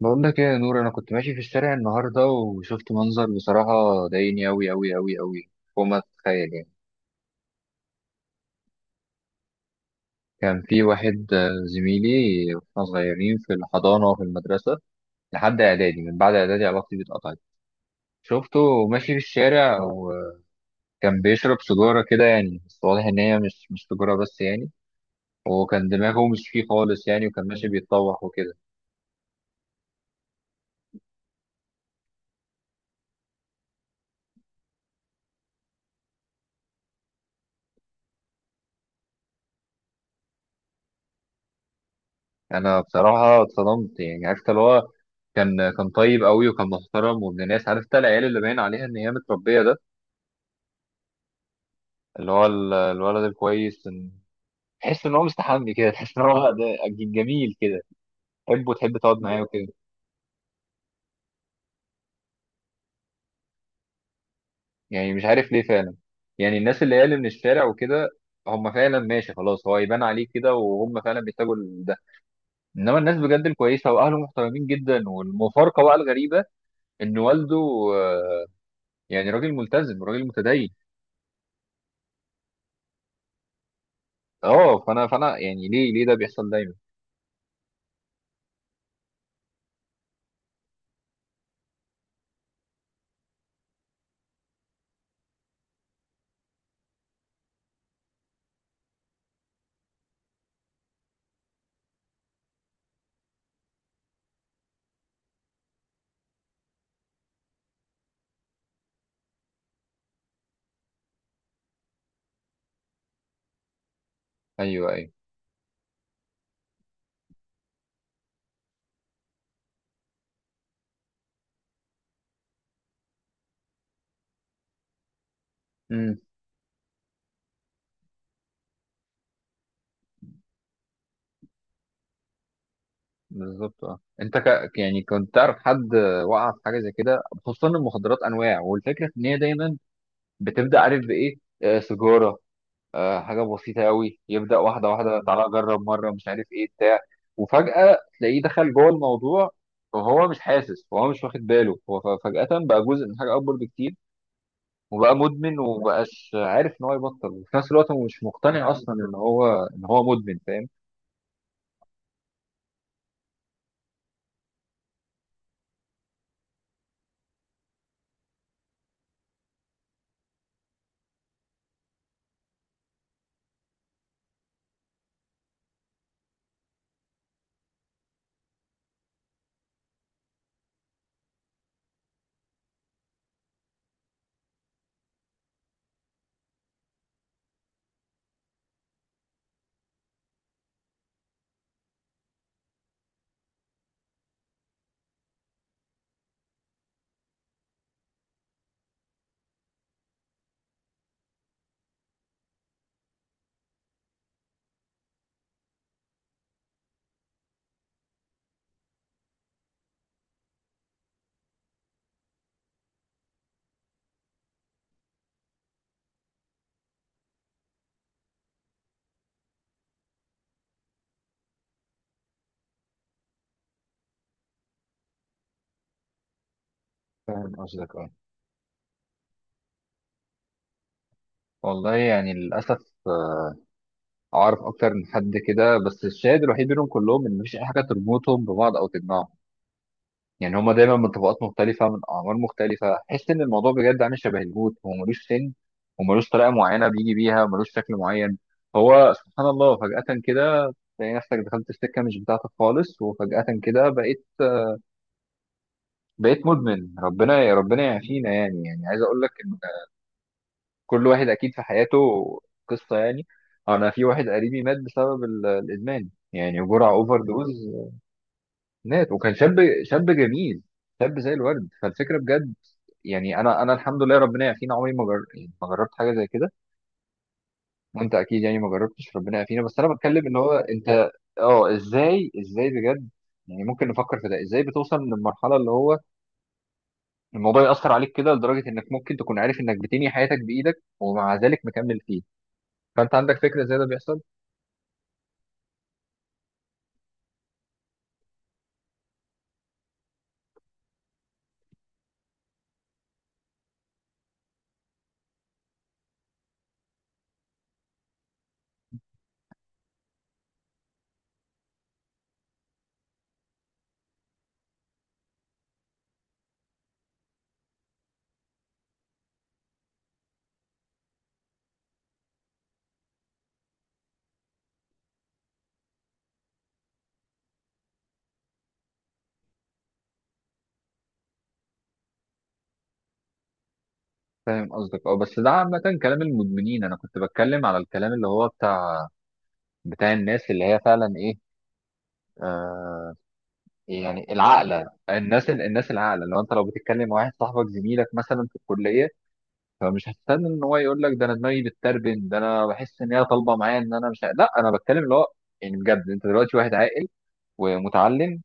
بقول لك ايه يا نور؟ انا كنت ماشي في الشارع النهارده، وشفت منظر بصراحه ضايقني اوي اوي اوي اوي، فوق ما تتخيل يعني. كان في واحد زميلي، واحنا صغيرين في الحضانه وفي المدرسه، لحد اعدادي. من بعد اعدادي علاقتي بيه اتقطعت. شفته ماشي في الشارع، وكان بيشرب سيجاره كده يعني، بس واضح ان هي مش سيجاره بس يعني. وكان دماغه مش فيه خالص يعني، وكان ماشي بيتطوح وكده. انا بصراحه اتصدمت، يعني عرفت اللي هو كان طيب قوي، وكان محترم وابن ناس. عرفت العيال اللي باين عليها ان هي متربيه، ده اللي هو الولد الكويس. تحس ان هو مستحمي كده، تحس ان هو ده جميل كده، تحبه وتحب تقعد معاه وكده. يعني مش عارف ليه فعلا. يعني الناس اللي من الشارع وكده، هم فعلا ماشي خلاص، هو يبان عليه كده، وهم فعلا بيحتاجوا ده. انما الناس بجد الكويسه، واهله محترمين جدا، والمفارقه بقى الغريبه ان والده آه، يعني راجل ملتزم، راجل متدين. اه، فانا يعني ليه ليه ده بيحصل دايما؟ ايوه، ايوه. امم. بالظبط. اه، انت يعني كنت تعرف حد وقع في حاجه زي كده؟ خصوصا المخدرات انواع، والفكره ان هي دايما بتبدا، عارف بايه؟ آه، سيجاره، آه حاجه بسيطه قوي، يبدا واحده واحده، تعالى جرب مره، مش عارف ايه بتاع. وفجاه تلاقيه دخل جوه الموضوع، وهو مش حاسس وهو مش واخد باله، هو فجاه بقى جزء من حاجه اكبر بكتير، وبقى مدمن ومبقاش عارف ان هو يبطل، وفي نفس الوقت هو مش مقتنع اصلا ان هو، ان هو مدمن، فاهم؟ فاهم قصدك. اه، والله يعني للأسف أعرف أكتر من حد كده، بس الشاهد الوحيد بينهم كلهم إن مفيش أي حاجة تربطهم ببعض أو تجمعهم. يعني هما دايما من طبقات مختلفة، من أعمار مختلفة. تحس إن الموضوع بجد عامل شبه الهوت، هو ملوش سن، وملوش طريقة معينة بيجي بيها، وملوش شكل معين. هو سبحان الله فجأة كده تلاقي نفسك دخلت السكة مش بتاعتك خالص، وفجأة كده بقيت بقيت مدمن. ربنا ربنا يعافينا. يعني عايز أقول لك، كل واحد اكيد في حياته قصه يعني. انا في واحد قريبي مات بسبب الادمان، يعني جرعه اوفر دوز. مات وكان شاب، شاب جميل، شاب زي الورد. فالفكره بجد يعني، انا الحمد لله ربنا يعافينا، عمري ما يعني ما جربت حاجه زي كده. وانت اكيد يعني ما جربتش، ربنا يعافينا، بس انا بتكلم ان هو انت. اه، ازاي بجد يعني ممكن نفكر في ده، ازاي بتوصل للمرحله اللي هو الموضوع ياثر عليك كده لدرجه انك ممكن تكون عارف انك بتنهي حياتك بايدك، ومع ذلك مكمل فيه؟ فانت عندك فكره ازاي ده بيحصل؟ فاهم قصدك. اه، بس ده عامة كلام المدمنين. انا كنت بتكلم على الكلام اللي هو بتاع، بتاع الناس اللي هي فعلا ايه. آه. يعني العاقلة، الناس العاقلة، لو بتتكلم مع واحد صاحبك زميلك مثلا في الكلية، فمش هتستنى ان هو يقول لك، ده انا دماغي بتتربن، ده انا بحس ان هي طالبة معايا، ان انا مش لا، انا بتكلم اللي هو يعني بجد انت دلوقتي واحد عاقل، ومتعلم،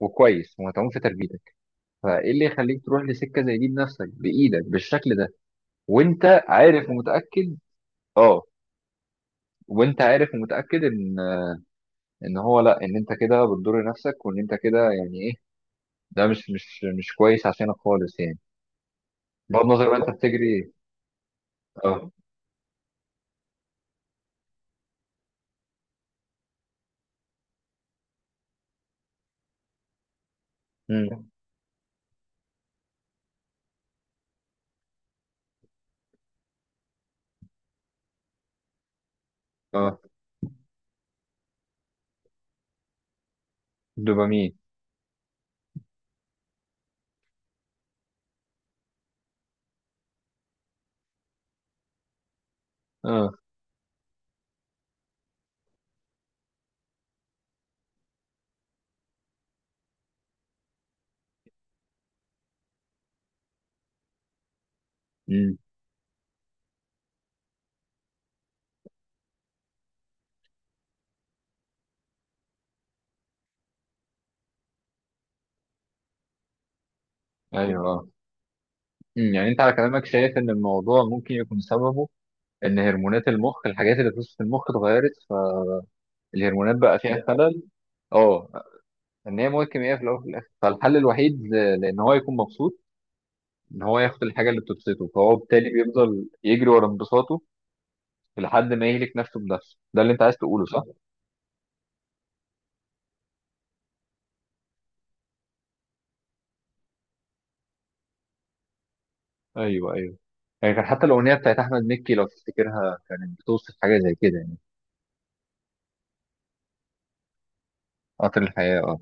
وكويس، ومتعوب في تربيتك. فايه اللي يخليك تروح لسكة زي دي بنفسك بايدك بالشكل ده، وانت عارف ومتأكد؟ اه، وانت عارف ومتاكد ان، ان هو لا، ان انت كده بتضر نفسك، وان انت كده يعني ايه، ده مش كويس عشانك خالص يعني، بغض النظر بقى انت بتجري ايه. اه. امم. اه. دوبامين. اه. امم. ايوه. اه. امم. يعني انت على كلامك شايف ان الموضوع ممكن يكون سببه ان هرمونات المخ، الحاجات اللي بتوصل في وسط المخ، اتغيرت، فالهرمونات بقى فيها خلل. اه، ان هي مواد كيميائيه في الاول وفي الاخر. فالحل الوحيد لان هو يكون مبسوط، ان هو ياخد الحاجه اللي بتبسطه، فهو بالتالي بيفضل يجري ورا انبساطه لحد ما يهلك نفسه بنفسه. ده اللي انت عايز تقوله، صح؟ ايوه، ايوه. يعني كان حتى الاغنيه بتاعت احمد مكي لو تفتكرها، كانت بتوصف حاجه زي كده يعني. قطر الحياه، اه.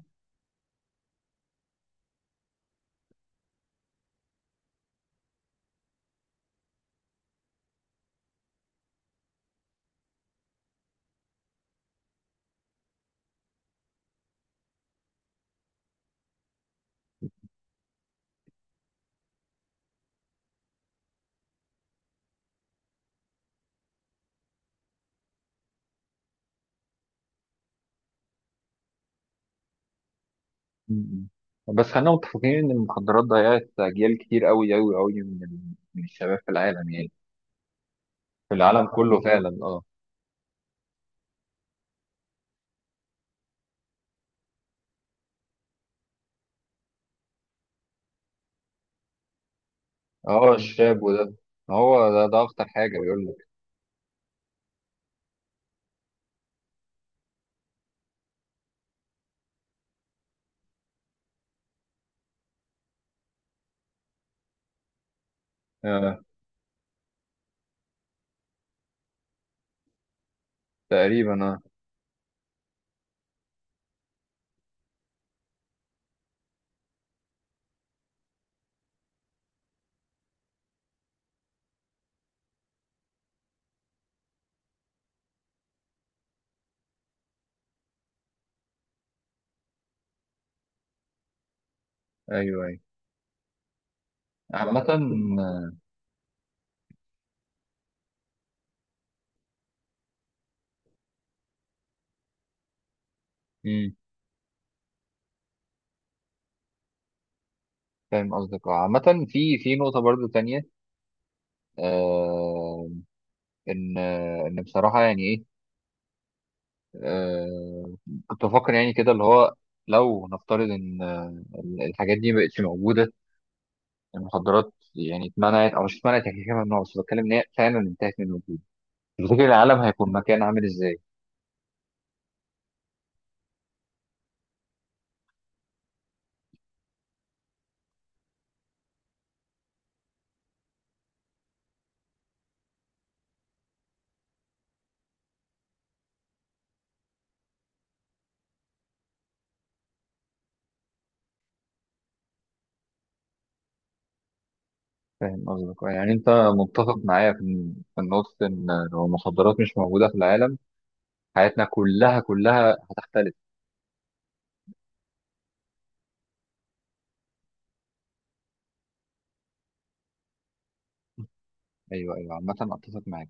م- م. بس خلينا متفقين ان المخدرات ضيعت اجيال كتير قوي قوي قوي من من الشباب في العالم يعني، في العالم كله فعلا. اه. اه، الشاب وده، هو ده اخطر حاجه بيقول لك. آه، تقريبا. اه. ايوه، ايوه. عامه. امم. فاهم قصدك. اه، عامه في نقطه برضو تانية، آه، ان بصراحه يعني ايه، آه، كنت بفكر يعني كده، اللي هو لو نفترض ان الحاجات دي ما بقتش موجوده، المخدرات يعني اتمنعت، او مش اتمنعت، هي كده كده ممنوعه، بس بتكلم ان هي فعلا انتهت من الوجود، تفتكر العالم هيكون مكان عامل ازاي؟ فاهم قصدك. يعني انت متفق معايا في النقطه ان لو المخدرات مش موجوده في العالم، حياتنا كلها كلها هتختلف. ايوه، ايوه، عامه اتفق معاك.